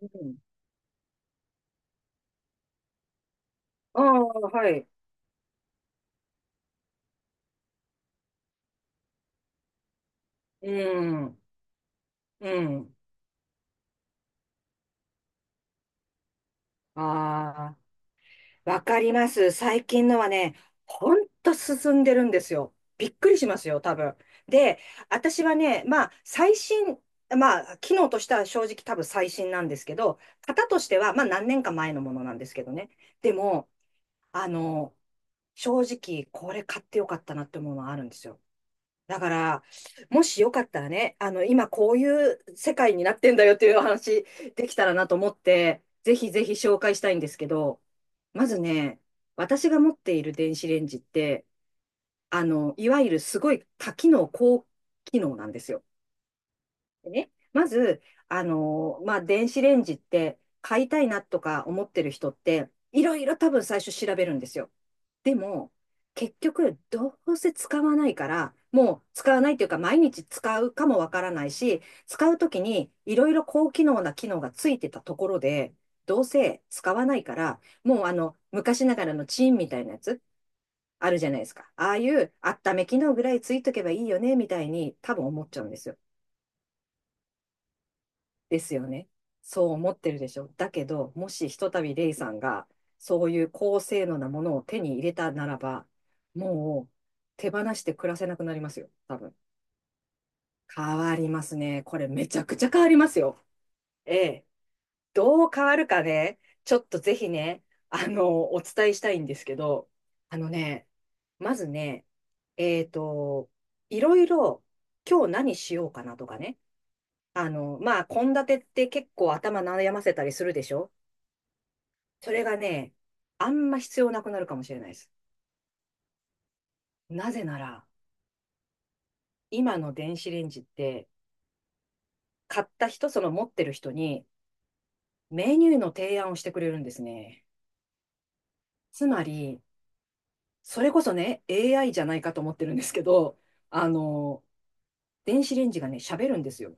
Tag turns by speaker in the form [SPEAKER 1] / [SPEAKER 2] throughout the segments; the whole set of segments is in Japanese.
[SPEAKER 1] うん。ああ、はい。うん。うん。ああ、わかります。最近のはね、ほんと進んでるんですよ。びっくりしますよ、多分。で、私はね、まあ、まあ、機能としては正直多分最新なんですけど、型としては、まあ、何年か前のものなんですけどね。でも、あの、正直、これ買ってよかったなって思うのはあるんですよ。だから、もしよかったらね、今こういう世界になってんだよっていうお話できたらなと思って、ぜひぜひ紹介したいんですけど、まずね、私が持っている電子レンジって、いわゆるすごい多機能、高機能なんですよ。でね、まず、まあ、電子レンジって買いたいなとか思ってる人って、いろいろ多分最初調べるんですよ。でも、結局、どうせ使わないから、もう使わないというか、毎日使うかもわからないし、使うときにいろいろ高機能な機能がついてたところで、どうせ使わないから、もう昔ながらのチーンみたいなやつ、あるじゃないですか。ああいう温め機能ぐらいついとけばいいよね、みたいに多分思っちゃうんですよ。ですよね。そう思ってるでしょ。だけど、もしひとたびレイさんが、そういう高性能なものを手に入れたならば、もう手放して暮らせなくなりますよ。多分。変わりますね。これめちゃくちゃ変わりますよ。ええ。どう変わるかね、ちょっとぜひね、お伝えしたいんですけど、あのね、まずね、えっと、いろいろ今日何しようかなとかね、まあ、献立って結構頭悩ませたりするでしょ。それがね、あんま必要なくなるかもしれないです。なぜなら、今の電子レンジって、買った人、その持ってる人に、メニューの提案をしてくれるんですね。つまり、それこそね、AI じゃないかと思ってるんですけど、あの、電子レンジがね、喋るんですよ。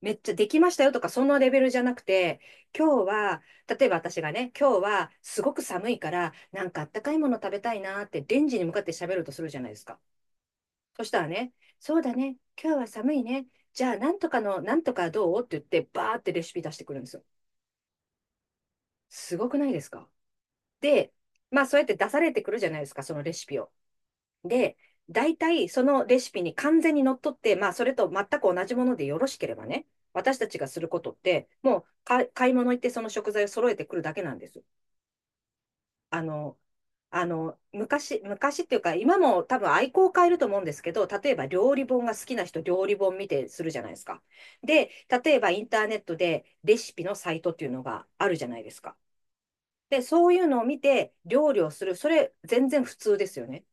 [SPEAKER 1] めっちゃできましたよとか、そのレベルじゃなくて、今日は、例えば私がね、今日はすごく寒いから、なんかあったかいもの食べたいなってレンジに向かって喋るとするじゃないですか。そしたらね、そうだね、今日は寒いね。じゃあ、なんとかの、なんとかどうって言って、バーってレシピ出してくるんですよ。すごくないですか？で、まあ、そうやって出されてくるじゃないですか、そのレシピを。で、大体そのレシピに完全にのっとって、まあ、それと全く同じものでよろしければね、私たちがすることって、もう買い物行ってその食材を揃えてくるだけなんです。あの、昔、昔っていうか、今も多分愛好を変えると思うんですけど、例えば料理本が好きな人、料理本見てするじゃないですか。で、例えばインターネットでレシピのサイトっていうのがあるじゃないですか。で、そういうのを見て料理をする、それ全然普通ですよね。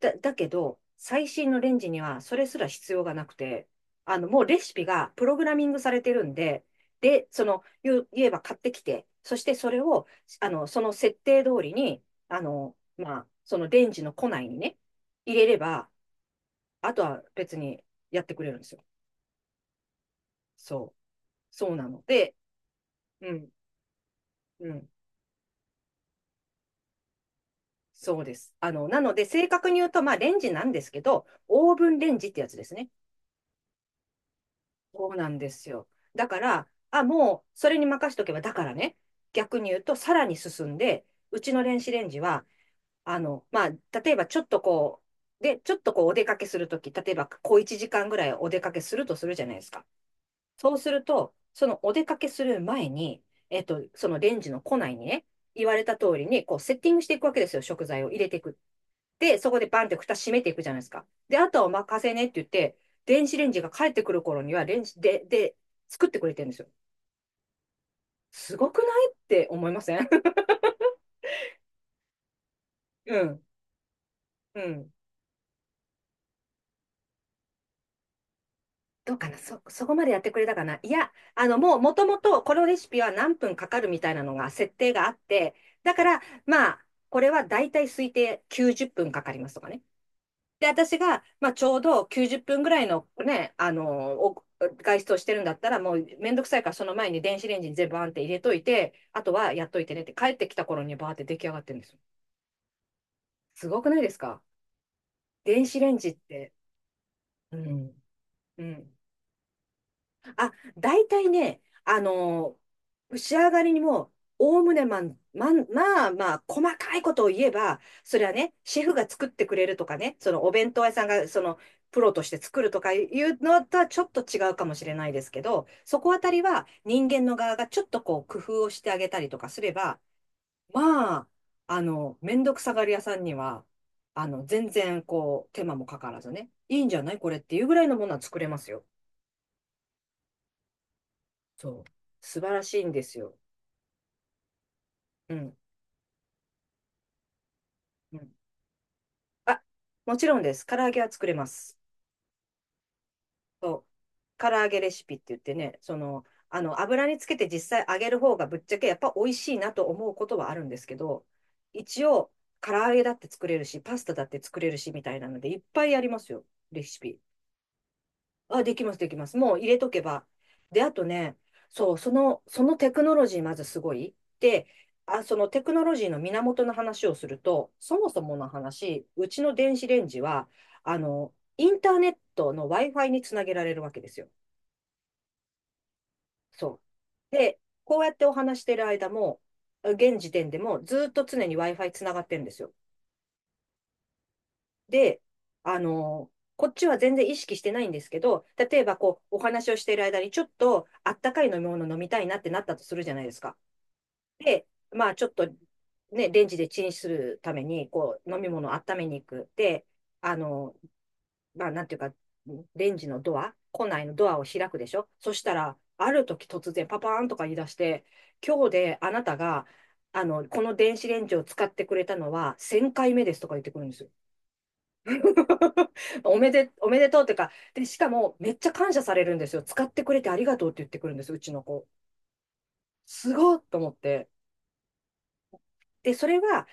[SPEAKER 1] だけど、最新のレンジにはそれすら必要がなくて、もうレシピがプログラミングされてるんで、で、言えば買ってきて、そしてそれを、その設定通りに、まあ、そのレンジの庫内にね、入れれば、あとは別にやってくれるんですよ。そう。そうなので、うん、うん、そうです。なので、正確に言うと、まあ、レンジなんですけど、オーブンレンジってやつですね。そうなんですよ。だから、あ、もうそれに任しとけば、だからね、逆に言うと、さらに進んで、うちの電子レンジは、まあ、例えばちょっとこうお出かけするとき、例えばこう1時間ぐらいお出かけするとするじゃないですか。そうすると、そのお出かけする前に、そのレンジの庫内にね、言われた通りに、こうセッティングしていくわけですよ、食材を入れていく。で、そこでバンって蓋閉めていくじゃないですか。で、あとはお任せねって言って、電子レンジが帰ってくる頃には、レンジで、作ってくれてるんですよ。すごくないって思いません？ うん。うん。どうかなそこまでやってくれたかないや、もともと、このレシピは何分かかるみたいなのが、設定があって、だから、まあ、これはだいたい推定90分かかりますとかね。で、私が、まあ、ちょうど90分ぐらいのね、お外出をしてるんだったら、もうめんどくさいから、その前に電子レンジに全部バーンって入れといて、あとはやっといてねって、帰ってきた頃にバーって出来上がってるんですよ。すごくないですか？電子レンジって。うん。うん。あ、大体ね、仕上がりにも、おおむねまあまあ、細かいことを言えば、それはね、シェフが作ってくれるとかね、そのお弁当屋さんが、プロとして作るとかいうのとはちょっと違うかもしれないですけど、そこあたりは人間の側がちょっとこう工夫をしてあげたりとかすれば、まあ、めんどくさがり屋さんには、全然こう、手間もかからずね、いいんじゃないこれっていうぐらいのものは作れますよ。そう。素晴らしいんですよ。うん。うん。あ、もちろんです。唐揚げは作れます。そう。唐揚げレシピって言ってね、油につけて実際揚げる方がぶっちゃけやっぱ美味しいなと思うことはあるんですけど、一応、唐揚げだって作れるし、パスタだって作れるし、みたいなので、いっぱいありますよ。レシピ。あ、できます、できます。もう入れとけば。で、あとね、そう、そのテクノロジーまずすごい。で、あ、そのテクノロジーの源の話をすると、そもそもの話、うちの電子レンジは、インターネットの Wi-Fi につなげられるわけですよ。そう。で、こうやってお話してる間も、現時点でもずっと常に Wi-Fi つながってるんですよ。で、あの、こっちは全然意識してないんですけど、例えばこう、お話をしている間にちょっとあったかい飲み物飲みたいなってなったとするじゃないですか。で、まあちょっとね、レンジでチンするために、こう、飲み物を温めに行く。で、あの、まあなんていうか、レンジのドア、庫内のドアを開くでしょ。そしたら、ある時突然パパーンとか言い出して、今日であなたが、この電子レンジを使ってくれたのは1000回目ですとか言ってくるんですよ。おめでとうっていうか、で、しかもめっちゃ感謝されるんですよ。使ってくれてありがとうって言ってくるんです、うちの子。すごっと思って。で、それは、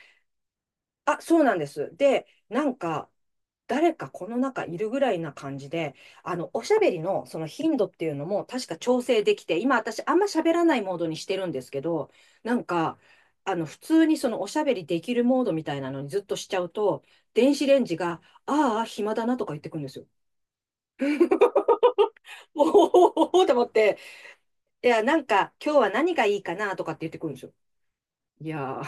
[SPEAKER 1] あ、そうなんです。で、なんか、誰かこの中いるぐらいな感じで、おしゃべりのその頻度っていうのも確か調整できて、今私あんま喋らないモードにしてるんですけど、なんか、普通にそのおしゃべりできるモードみたいなのにずっとしちゃうと、電子レンジが、ああ、暇だなとか言ってくるんですよ。おおおおおと思って、いや、なんか、今日は何がいいかなとかって言ってくるんですよ。いやー、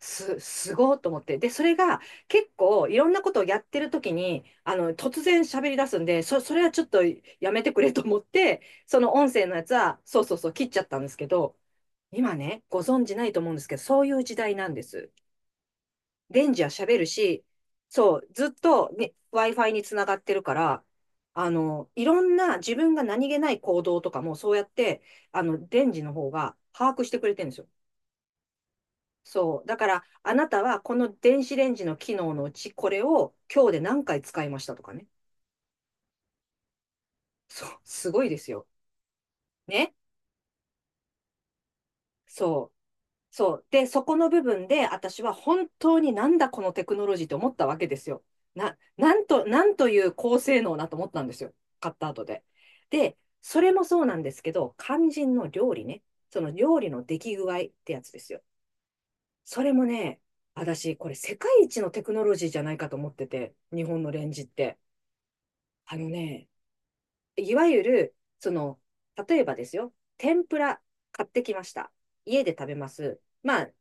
[SPEAKER 1] すごーと思って。で、それが結構いろんなことをやってる時に、突然喋り出すんで、それはちょっとやめてくれと思って、その音声のやつは、そうそうそう、切っちゃったんですけど、今ね、ご存知ないと思うんですけど、そういう時代なんです。レンジは喋るし、そう、ずっと、ね、Wi-Fi につながってるから、いろんな自分が何気ない行動とかもそうやって、レンジの方が把握してくれてるんですよ。そう。だから、あなたはこの電子レンジの機能のうち、これを今日で何回使いましたとかね。そう。すごいですよ。ね。そう。そう。で、そこの部分で、私は本当になんだこのテクノロジーって思ったわけですよ。なんと、なんという高性能なと思ったんですよ。買った後で。で、それもそうなんですけど、肝心の料理ね。その料理の出来具合ってやつですよ。それもね、私、これ世界一のテクノロジーじゃないかと思ってて、日本のレンジって。あのね、いわゆる、その、例えばですよ、天ぷら買ってきました。家で食べます。まあ、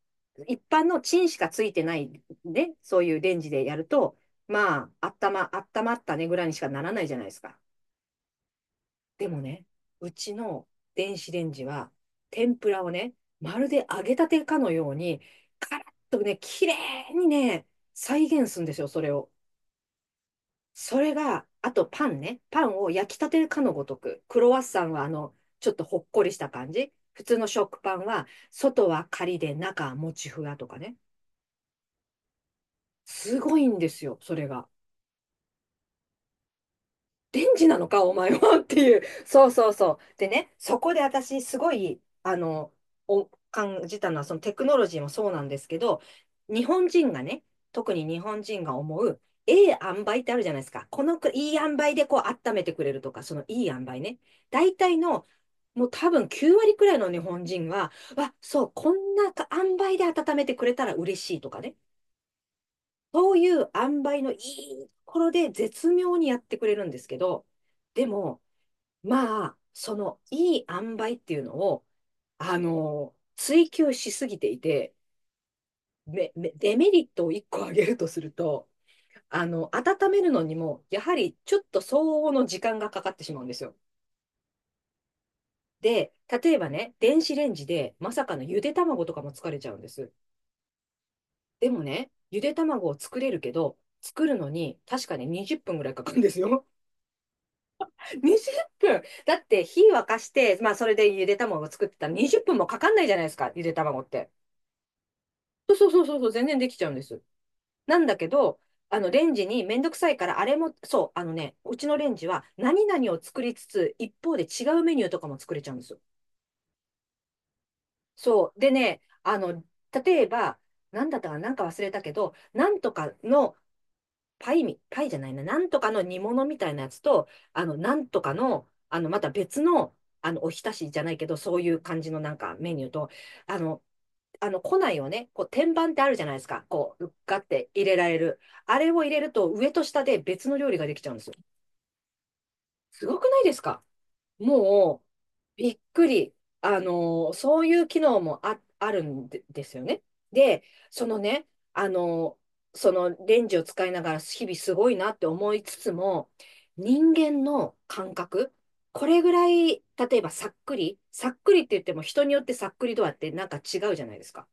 [SPEAKER 1] 一般のチンしかついてないね、そういうレンジでやると、まあ、あったまったねぐらいにしかならないじゃないですか。でもね、うちの電子レンジは、天ぷらをね、まるで揚げたてかのように、カラッとね、綺麗にね、再現するんですよ、それを。それが、あとパンね。パンを焼きたてかのごとく。クロワッサンはちょっとほっこりした感じ。普通の食パンは、外はカリで中はもちふわとかね。すごいんですよ、それが。電ンジなのか、お前は っていう。そうそうそう。でね、そこで私、すごい、お、感じたのは、そのテクノロジーもそうなんですけど、日本人がね、特に日本人が思う、ええ塩梅ってあるじゃないですか。このく、いい塩梅でこう、温めてくれるとか、そのいい塩梅ね。大体の、もう多分9割くらいの日本人は、わ、そう、こんなか塩梅で温めてくれたら嬉しいとかね。そういう塩梅のいいところで絶妙にやってくれるんですけど、でも、まあ、そのいい塩梅っていうのを、追求しすぎていて、デメリットを1個挙げるとすると、温めるのにも、やはりちょっと相応の時間がかかってしまうんですよ。で、例えばね、電子レンジでまさかのゆで卵とかも作れちゃうんです。でもね、ゆで卵を作れるけど、作るのに確かに20分ぐらいかかるんですよ。20分だって火沸かして、まあそれでゆで卵を作ってたら20分もかかんないじゃないですか、ゆで卵って。そうそうそうそうそう、全然できちゃうんです。なんだけど、あのレンジにめんどくさいから、あれも、そう、うちのレンジは何々を作りつつ、一方で違うメニューとかも作れちゃうんですよ。そう。でね、例えば、なんだったかな、なんか忘れたけど、なんとかのパイみ、パイじゃないな、なんとかの煮物みたいなやつと、なんとかの、また別の、おひたしじゃないけど、そういう感じのなんかメニューと、あの、庫内をね、こう、天板ってあるじゃないですか。こう、ガって入れられる。あれを入れると、上と下で別の料理ができちゃうんですよ。すごくないですか。もう、びっくり。そういう機能もあるんで、ですよね。で、そのね、あのそのレンジを使いながら日々すごいなって思いつつも、人間の感覚、これぐらい、例えばさっくりって言っても人によってさっくり度合ってなんか違うじゃないですか。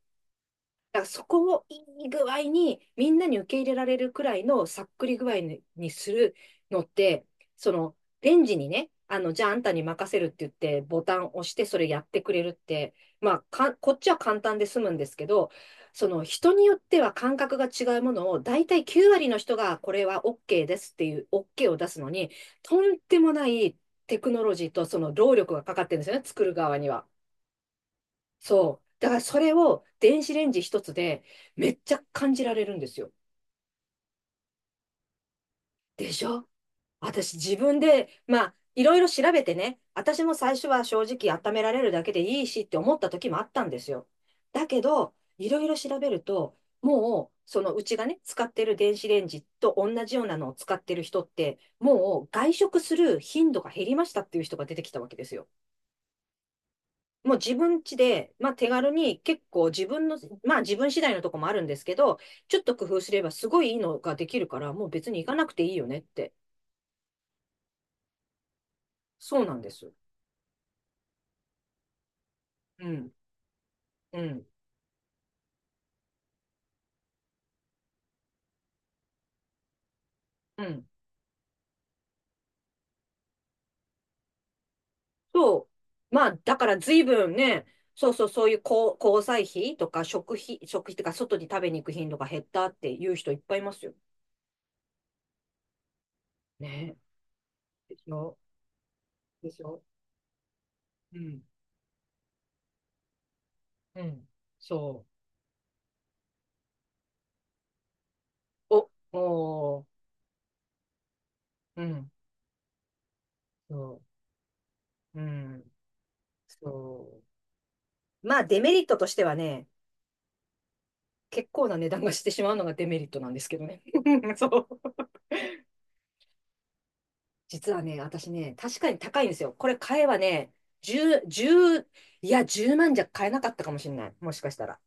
[SPEAKER 1] だからそこをいい具合にみんなに受け入れられるくらいのさっくり具合にするのって、その、レンジにね、じゃああんたに任せるって言ってボタンを押してそれやってくれるって、まあか、こっちは簡単で済むんですけど、その人によっては感覚が違うものを大体9割の人がこれは OK ですっていう OK を出すのに、とんでもないテクノロジーとその労力がかかってるんですよね、作る側には。そう。だからそれを電子レンジ一つでめっちゃ感じられるんですよ。でしょ。私自分で、まあ、いろいろ調べてね、私も最初は正直温められるだけでいいしって思った時もあったんですよ。だけど、いろいろ調べると、もう、そのうちがね、使ってる電子レンジと同じようなのを使ってる人って、もう外食する頻度が減りましたっていう人が出てきたわけですよ。もう自分家で、まあ手軽に結構自分の、まあ自分次第のとこもあるんですけど、ちょっと工夫すればすごいいいのができるから、もう別に行かなくていいよねって。そうなんです。うん、うん、うん。そう。まあだから随分ね、そうそう、そういう交、交際費とか食費とか外に食べに行く頻度が減ったっていう人いっぱいいますよ。ね。でしょ。でしょ。うん、うん。そう。おー、うん、そう、うん、そう。まあ、デメリットとしてはね、結構な値段がしてしまうのがデメリットなんですけどね。そう。実はね、私ね、確かに高いんですよ。これ買えばね、10、じゅういや、1万じゃ買えなかったかもしれない。もしかしたら。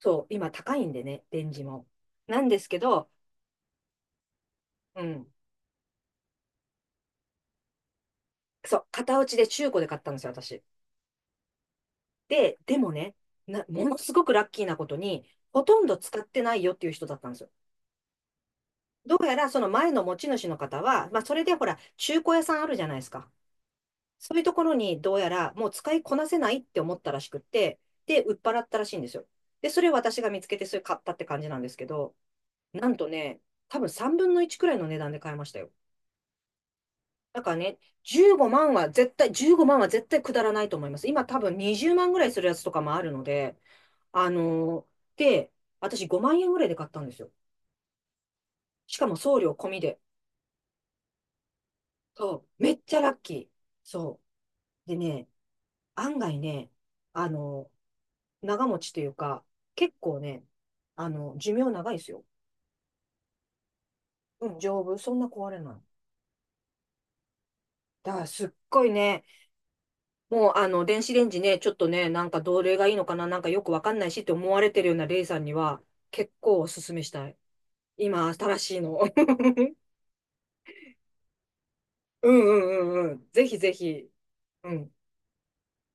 [SPEAKER 1] そう、今高いんでね、レンジも。なんですけど、うん。そう、型落ちで中古で買ったんですよ、私。でもね、ものすごくラッキーなことに、ほとんど使ってないよっていう人だったんですよ。どうやらその前の持ち主の方は、まあそれでほら、中古屋さんあるじゃないですか。そういうところにどうやらもう使いこなせないって思ったらしくって、で、売っ払ったらしいんですよ。で、それを私が見つけてそれ買ったって感じなんですけど、なんとね、多分3分の1くらいの値段で買いましたよ。だからね、15万は絶対くだらないと思います。今多分20万ぐらいするやつとかもあるので、あので、私5万円ぐらいで買ったんですよ。しかも送料込みで。そう、めっちゃラッキー。そう。でね、案外ね、あのー長持ちというか、結構ね、寿命長いですよ。うん、丈夫。そんな壊れない。だからすっごいね、もう電子レンジね、ちょっとね、なんかどれがいいのかな、なんかよくわかんないしって思われてるようなレイさんには、結構おすすめしたい。今、新しいの。うんうんうんうん。ぜひぜひ。うん。